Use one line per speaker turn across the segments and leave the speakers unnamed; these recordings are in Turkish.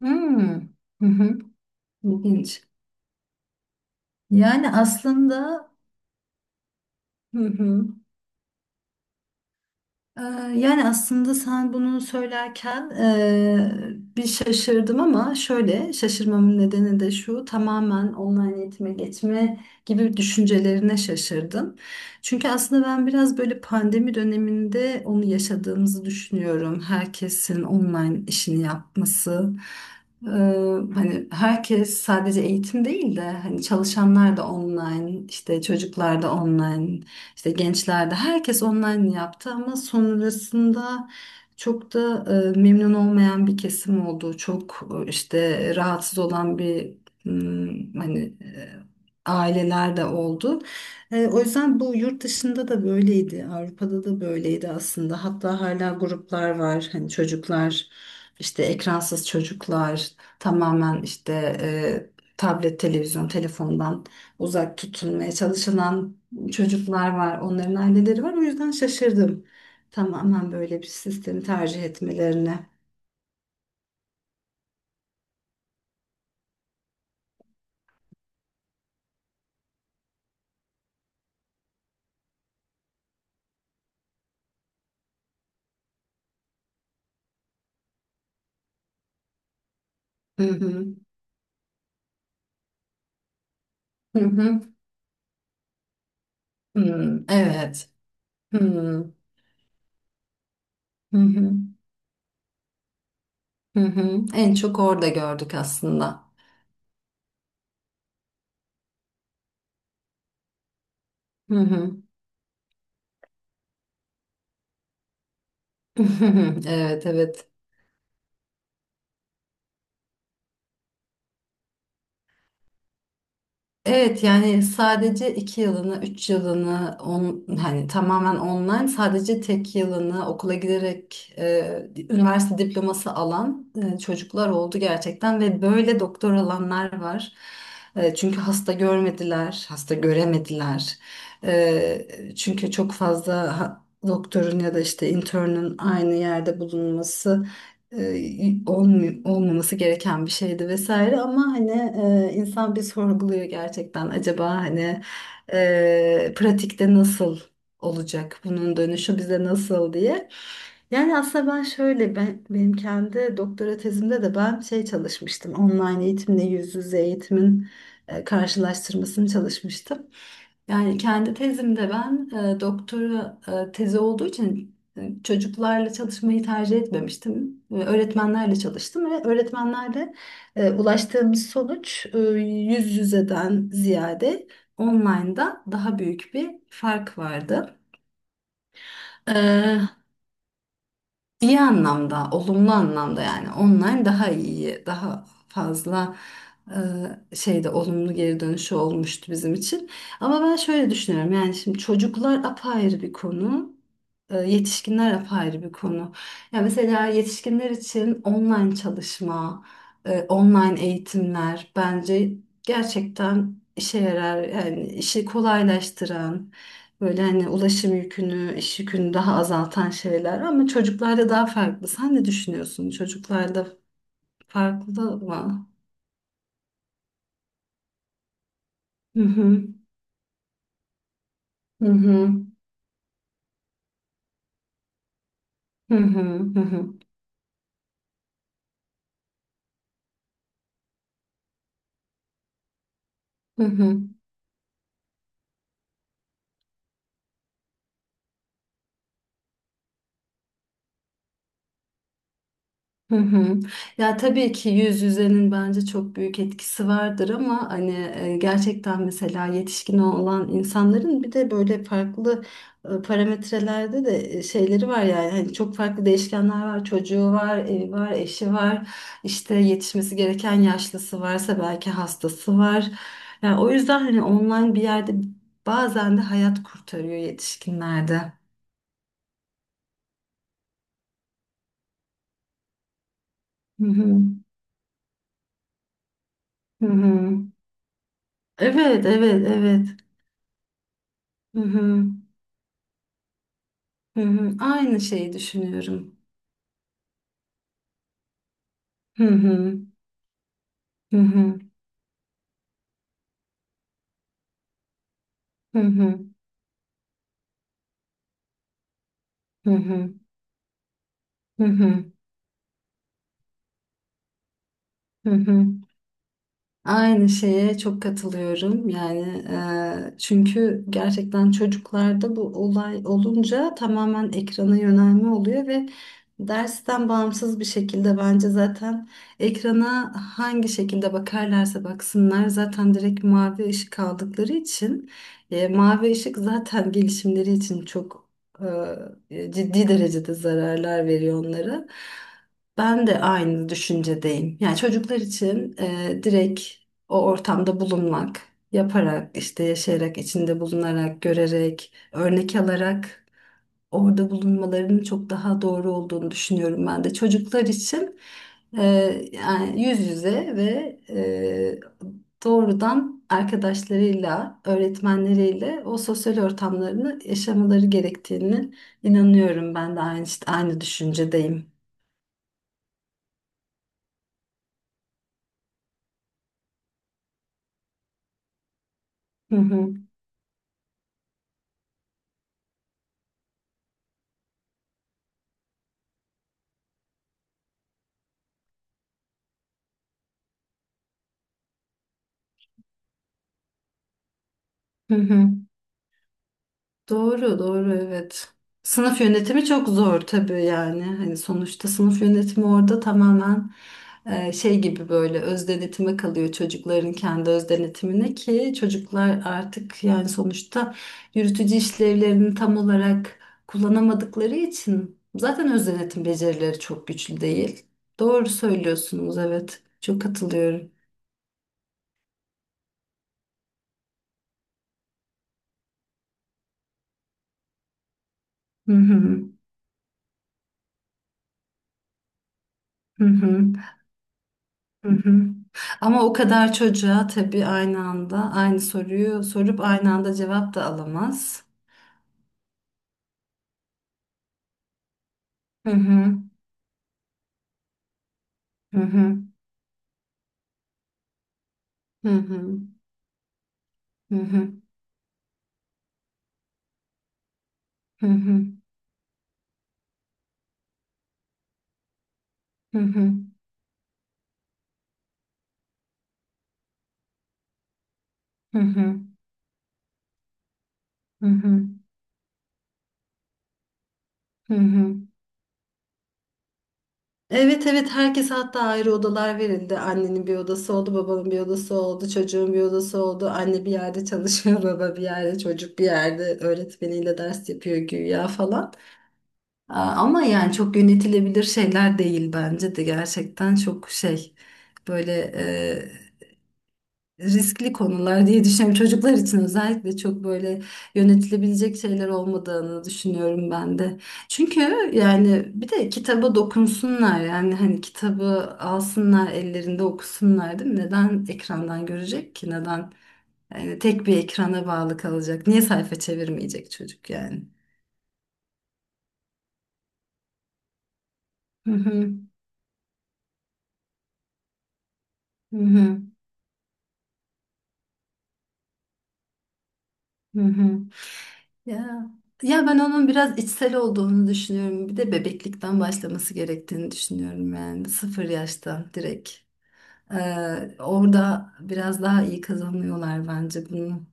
Hmm. Hı hı. İlginç. Yani aslında. Hı hı. Ee, Yani aslında sen bunu söylerken bir şaşırdım ama şöyle şaşırmamın nedeni de şu, tamamen online eğitime geçme gibi düşüncelerine şaşırdım. Çünkü aslında ben biraz böyle pandemi döneminde onu yaşadığımızı düşünüyorum. Herkesin online işini yapması. Ee, hani herkes sadece eğitim değil de hani çalışanlar da online, işte çocuklar da online, işte gençlerde herkes online yaptı ama sonrasında çok da memnun olmayan bir kesim oldu. Çok işte rahatsız olan bir, hmm, hani e, aileler de oldu. O yüzden bu yurt dışında da böyleydi. Avrupa'da da böyleydi aslında. Hatta hala gruplar var. Hani çocuklar, işte ekransız çocuklar, tamamen işte, e, tablet, televizyon, telefondan uzak tutulmaya çalışılan çocuklar var, onların aileleri var. O yüzden şaşırdım. Tamamen böyle bir sistemi tercih etmelerine. Hı hı. Hı hı. Hmm, evet. Hı hı. Hı hı. En çok orada gördük aslında. Hı hı. Evet, evet. Evet, yani sadece iki yılını, üç yılını on, hani tamamen online, sadece tek yılını okula giderek üniversite diploması alan çocuklar oldu gerçekten ve böyle doktor alanlar var. Çünkü hasta görmediler, hasta göremediler. Çünkü çok fazla doktorun ya da işte internün aynı yerde bulunması, e, olmaması gereken bir şeydi vesaire ama hani insan bir sorguluyor gerçekten, acaba hani pratikte nasıl olacak, bunun dönüşü bize nasıl diye. Yani aslında ben şöyle, benim kendi doktora tezimde de ben şey çalışmıştım, online eğitimle yüz yüze eğitimin karşılaştırmasını çalışmıştım. Yani kendi tezimde ben doktora tezi olduğu için çocuklarla çalışmayı tercih etmemiştim. E, öğretmenlerle çalıştım ve öğretmenlerle ulaştığımız sonuç, yüz yüzeden ziyade online'da daha büyük bir fark vardı. E, İyi anlamda, olumlu anlamda, yani online daha iyi, daha fazla şeyde olumlu geri dönüşü olmuştu bizim için. Ama ben şöyle düşünüyorum, yani şimdi çocuklar apayrı bir konu, yetişkinler apayrı bir konu. Ya mesela yetişkinler için online çalışma, online eğitimler bence gerçekten işe yarar, yani işi kolaylaştıran. Böyle hani ulaşım yükünü, iş yükünü daha azaltan şeyler, ama çocuklarda daha farklı. Sen ne düşünüyorsun? Çocuklarda farklı mı? Hı hı. Hı hı. Hı hı. Hı hı. Hı hı. Hı hı. Ya tabii ki yüz yüzenin bence çok büyük etkisi vardır ama hani gerçekten mesela yetişkin olan insanların bir de böyle farklı parametrelerde de şeyleri var, yani hani çok farklı değişkenler var, çocuğu var, evi var, eşi var, işte yetişmesi gereken yaşlısı varsa, belki hastası var. Yani o yüzden hani online bir yerde bazen de hayat kurtarıyor yetişkinlerde. Hı hı. Hı hı. Evet, evet, evet. Hı hı. Hı hı, aynı şeyi düşünüyorum. Hı hı, hı hı, hı hı, hı hı, hı hı, hı hı. Aynı şeye çok katılıyorum, yani çünkü gerçekten çocuklarda bu olay olunca tamamen ekrana yönelme oluyor ve dersten bağımsız bir şekilde bence zaten ekrana hangi şekilde bakarlarsa baksınlar, zaten direkt mavi ışık aldıkları için, mavi ışık zaten gelişimleri için çok ciddi derecede zararlar veriyor onlara. Ben de aynı düşüncedeyim. Yani çocuklar için direkt o ortamda bulunmak, yaparak, işte yaşayarak, içinde bulunarak, görerek, örnek alarak orada bulunmalarının çok daha doğru olduğunu düşünüyorum ben de. Çocuklar için e, yani yüz yüze ve e, doğrudan arkadaşlarıyla, öğretmenleriyle o sosyal ortamlarını yaşamaları gerektiğini inanıyorum ben de, aynı düşüncedeyim. Hı hı. Hı hı. Doğru, doğru, evet. Sınıf yönetimi çok zor tabii yani. Hani sonuçta sınıf yönetimi orada tamamen şey gibi, böyle öz denetime kalıyor, çocukların kendi öz denetimine, ki çocuklar artık yani sonuçta yürütücü işlevlerini tam olarak kullanamadıkları için zaten öz denetim becerileri çok güçlü değil. Doğru söylüyorsunuz, evet. Çok katılıyorum. Hı hı. Hı hı. Hı hı. Ama o kadar çocuğa tabii aynı anda aynı soruyu sorup aynı anda cevap da alamaz. Hı hı. Hı hı. Hı hı. Hı hı. Hı hı. Hı hı. Hı hı. Hı hı. Hı hı. Evet, evet, herkes hatta ayrı odalar verildi. Annenin bir odası oldu, babanın bir odası oldu, çocuğun bir odası oldu. Anne bir yerde çalışıyor, baba bir yerde, çocuk bir yerde öğretmeniyle ders yapıyor güya falan. Aa, ama yani çok yönetilebilir şeyler değil bence de, gerçekten çok şey, böyle riskli konular diye düşünüyorum. Çocuklar için özellikle çok böyle yönetilebilecek şeyler olmadığını düşünüyorum ben de. Çünkü yani bir de kitaba dokunsunlar, yani hani kitabı alsınlar ellerinde okusunlar, değil mi? Neden ekrandan görecek ki? Neden yani tek bir ekrana bağlı kalacak? Niye sayfa çevirmeyecek çocuk yani? Hı hı. Hı hı. Hı hı. Ya, ya ben onun biraz içsel olduğunu düşünüyorum. Bir de bebeklikten başlaması gerektiğini düşünüyorum, yani sıfır yaştan direkt. Ee, orada biraz daha iyi kazanıyorlar bence bunu.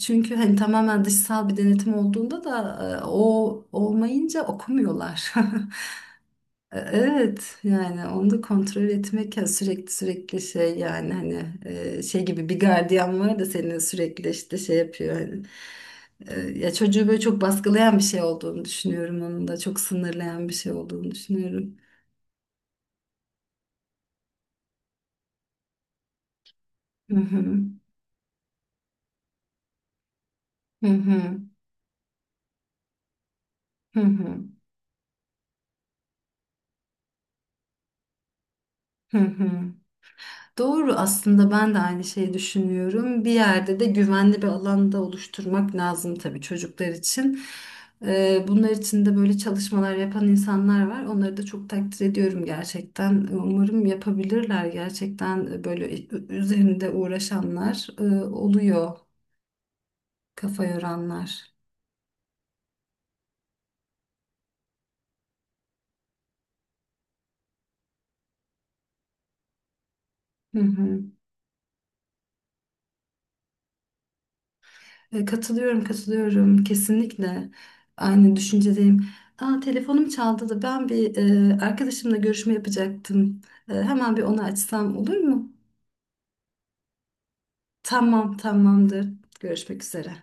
Çünkü hani tamamen dışsal bir denetim olduğunda da o olmayınca okumuyorlar. Evet, yani onu da kontrol etmek, ya sürekli, şey, yani hani şey gibi bir gardiyan var da seni sürekli işte şey yapıyor hani. Ya çocuğu böyle çok baskılayan bir şey olduğunu düşünüyorum, onun da çok sınırlayan bir şey olduğunu düşünüyorum. Hı hı. Hı hı. Hı hı. Hı hı. Doğru, aslında ben de aynı şeyi düşünüyorum. Bir yerde de güvenli bir alanda oluşturmak lazım tabii çocuklar için. Bunlar için de böyle çalışmalar yapan insanlar var. Onları da çok takdir ediyorum gerçekten. Umarım yapabilirler gerçekten, böyle üzerinde uğraşanlar oluyor, kafa yoranlar. Hı hı. E, katılıyorum, katılıyorum. Kesinlikle aynı düşüncedeyim. Aa, telefonum çaldı da ben bir arkadaşımla görüşme yapacaktım. E, hemen bir onu açsam olur mu? Tamam, tamamdır. Görüşmek üzere.